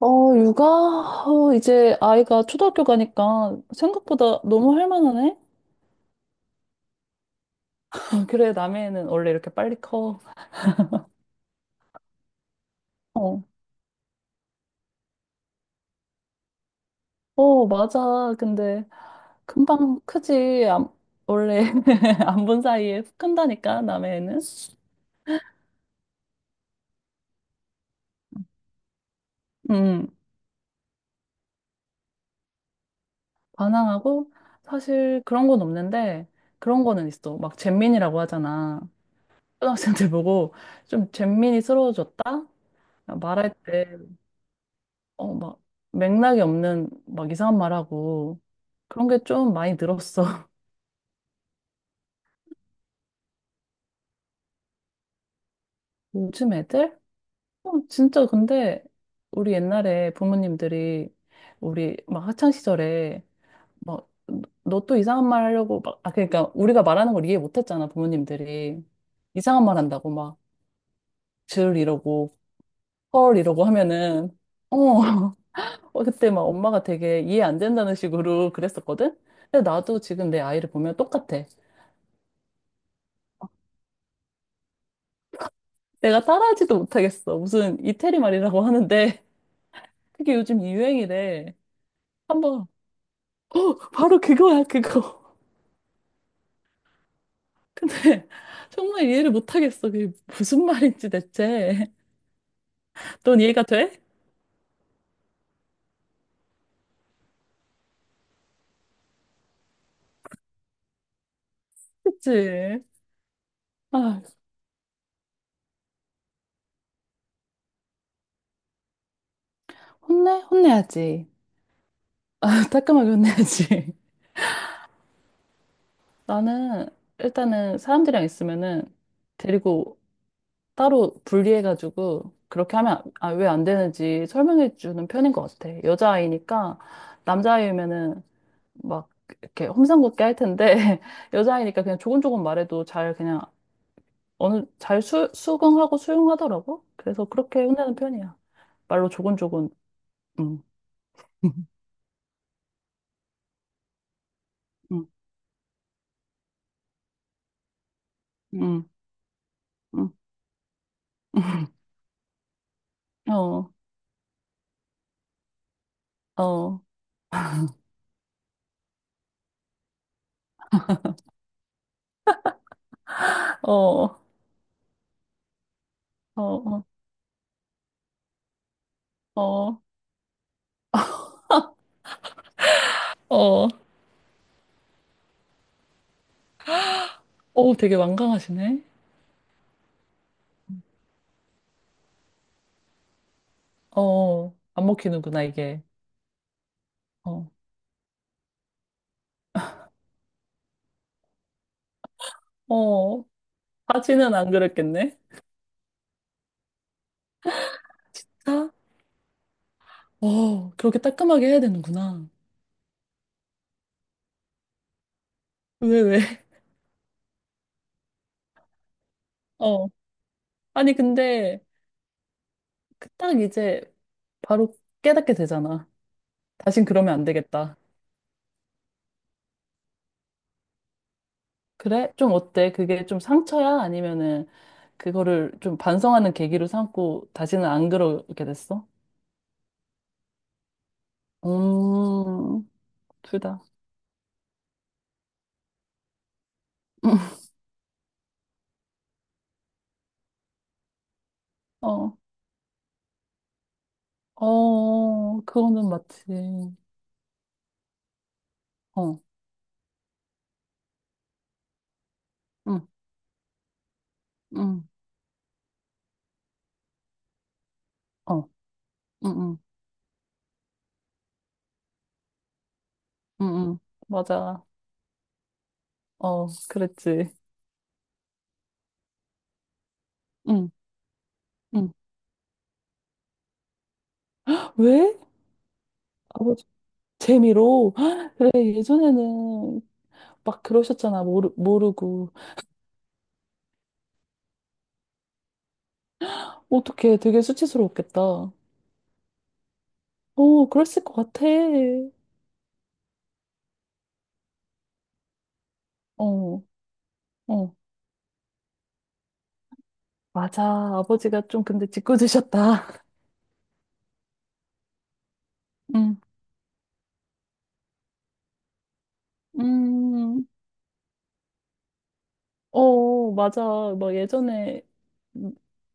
육아? 이제 아이가 초등학교 가니까 생각보다 너무 할 만하네? 그래, 남해는 원래 이렇게 빨리 커. 어, 맞아. 근데 금방 크지. 원래 안 본 사이에 훅 큰다니까, 남해는. 음, 반항하고 사실 그런 건 없는데 그런 거는 있어. 막 잼민이라고 하잖아. 초등학생들 보고 좀 잼민이스러워졌다? 말할 때 막 맥락이 없는 막 이상한 말하고 그런 게 좀 많이 늘었어. 요즘 애들? 진짜 근데 우리 옛날에 부모님들이 우리 막 학창 시절에 막 너 또 이상한 말 하려고 막 아 그러니까 우리가 말하는 걸 이해 못 했잖아, 부모님들이. 이상한 말 한다고 막 줄 이러고 헐 이러고 하면은 어, 어 그때 막 엄마가 되게 이해 안 된다는 식으로 그랬었거든. 근데 나도 지금 내 아이를 보면 똑같아. 내가 따라하지도 못하겠어. 무슨 이태리 말이라고 하는데 그게 요즘 유행이래. 한번 바로 그거야, 그거. 근데 정말 이해를 못하겠어. 그게 무슨 말인지 대체. 넌 이해가 돼? 그치? 아, 혼내? 혼내야지. 아, 따끔하게 혼내야지. 나는 일단은 사람들이랑 있으면은 데리고 따로 분리해가지고 그렇게 하면 아, 왜 안 되는지 설명해 주는 편인 것 같아. 여자아이니까 남자아이면은 막 이렇게 험상궂게 할 텐데 여자아이니까 그냥 조곤조곤 말해도 잘 그냥 어느 수긍하고 수용하더라고. 그래서 그렇게 혼내는 편이야. 말로 조곤조곤. 응. 응. 응. 응. 어. 어. 어. 어. 어. 어. 어. 어. 되게 완강하시네. 어. 안 먹히는구나 이게. 어. 어. 바지는 안 그랬겠네. 진짜? 어. 그렇게 따끔하게 해야 되는구나. 왜? 아니, 근데 그딱 이제 바로 깨닫게 되잖아. 다신 그러면 안 되겠다. 그래? 좀 어때? 그게 좀 상처야? 아니면은 그거를 좀 반성하는 계기로 삼고 다시는 안 그러게 됐어? 음, 둘 다. 어, 그거는 맞지. 어, 응, 응, 어, 응, 응, 응, 응. 맞아. 어, 그랬지. 응, 응. 왜? 아버지, 재미로. 그래, 예전에는 막 그러셨잖아. 모르고. 어떡해. 되게 수치스러웠겠다. 어, 그랬을 것 같아. 어, 어. 맞아. 아버지가 좀 근데 짓궂으셨다. 응. 음, 어, 맞아. 막 예전에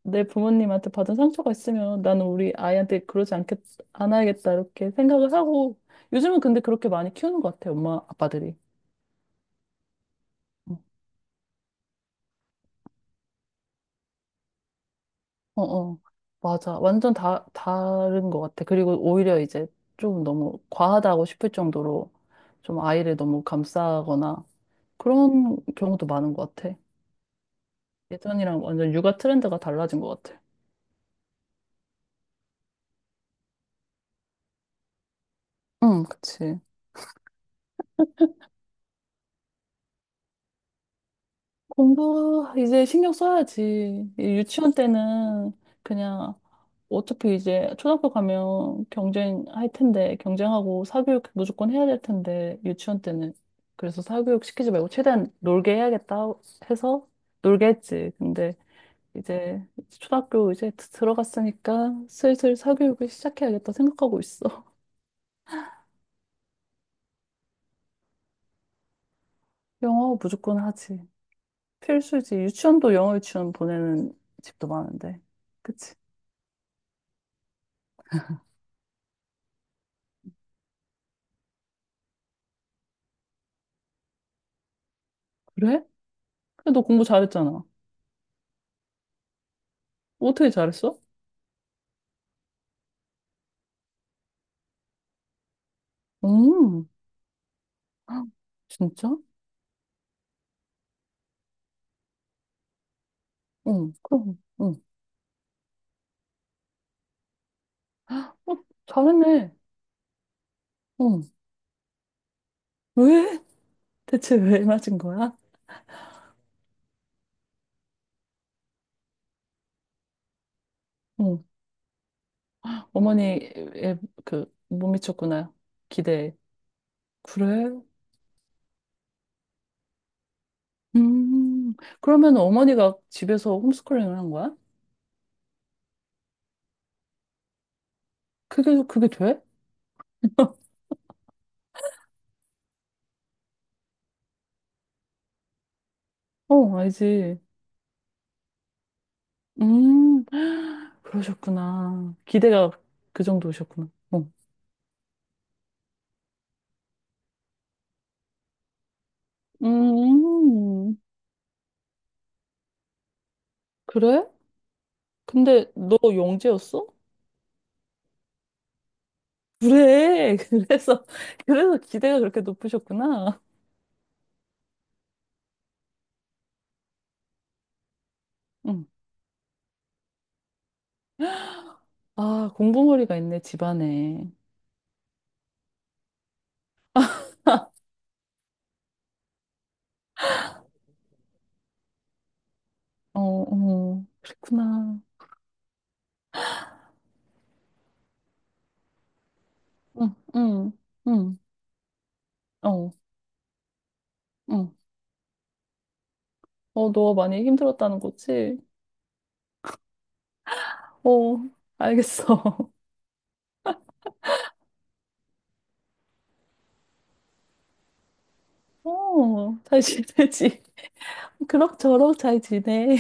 내 부모님한테 받은 상처가 있으면 나는 우리 아이한테 않아야겠다. 이렇게 생각을 하고. 요즘은 근데 그렇게 많이 키우는 것 같아. 엄마, 아빠들이. 음. 어, 어. 맞아. 완전 다른 것 같아. 그리고 오히려 이제 좀 너무 과하다고 싶을 정도로 좀 아이를 너무 감싸거나 그런 경우도 많은 것 같아. 예전이랑 완전 육아 트렌드가 달라진 것 같아. 응, 그치. 공부 이제 신경 써야지. 이 유치원 때는 그냥 어차피 이제 초등학교 가면 경쟁할 텐데 경쟁하고 사교육 무조건 해야 될 텐데 유치원 때는 그래서 사교육 시키지 말고 최대한 놀게 해야겠다 해서 놀게 했지. 근데 이제 초등학교 이제 들어갔으니까 슬슬 사교육을 시작해야겠다 생각하고 있어. 영어 무조건 하지. 필수지. 유치원도 영어 유치원 보내는 집도 많은데. 그치? 그래? 근데 너 공부 잘했잖아. 어떻게 잘했어? 음, 진짜? 응, 그럼, 응. 어, 잘했네. 응. 왜? 대체 왜 맞은 거야? 응. 어머니의 그, 못 미쳤구나. 기대에. 그래? 음, 그러면 어머니가 집에서 홈스쿨링을 한 거야? 그게 돼? 어, 알지. 음, 그러셨구나. 기대가 그 정도셨구나. 어. 음, 그래? 근데 너 영재였어? 그래. 그래서, 그래서 기대가 그렇게 높으셨구나. 응. 아, 공부머리가 있네, 집안에. 어, 어, 그랬구나. 응, 응, 응, 어, 응. 어, 너 많이 힘들었다는 거지? 어, 알겠어. 어, 잘 지내지. 그럭저럭 잘 지내.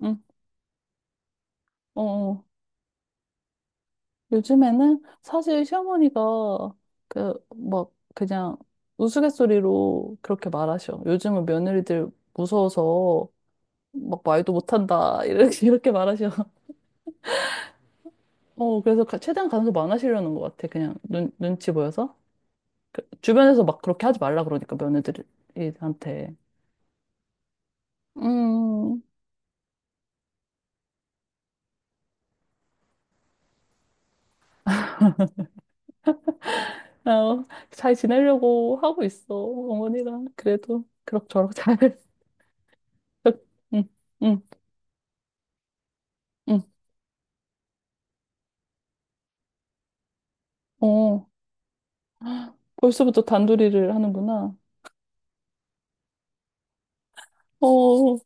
응, 어. 어. 요즘에는 사실 시어머니가 그 막 그냥 우스갯소리로 그렇게 말하셔. 요즘은 며느리들 무서워서 막 말도 못한다 이렇게 이렇게 말하셔. 어 그래서 최대한 간섭 안 하시려는 것 같아. 그냥 눈 눈치 보여서 주변에서 막 그렇게 하지 말라 그러니까 며느리한테. 음, 어, 잘 지내려고 하고 있어 어머니랑 그래도 그럭저럭 잘. 응, 응, 응. 어 벌써부터 단둘이를 하는구나. 어,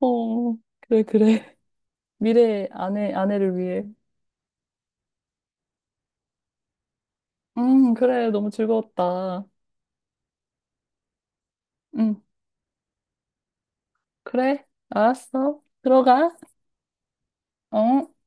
어, 그래, 그래. 미래 아내를 위해. 그래. 너무 즐거웠다. 음, 그래. 알았어. 들어가. 어?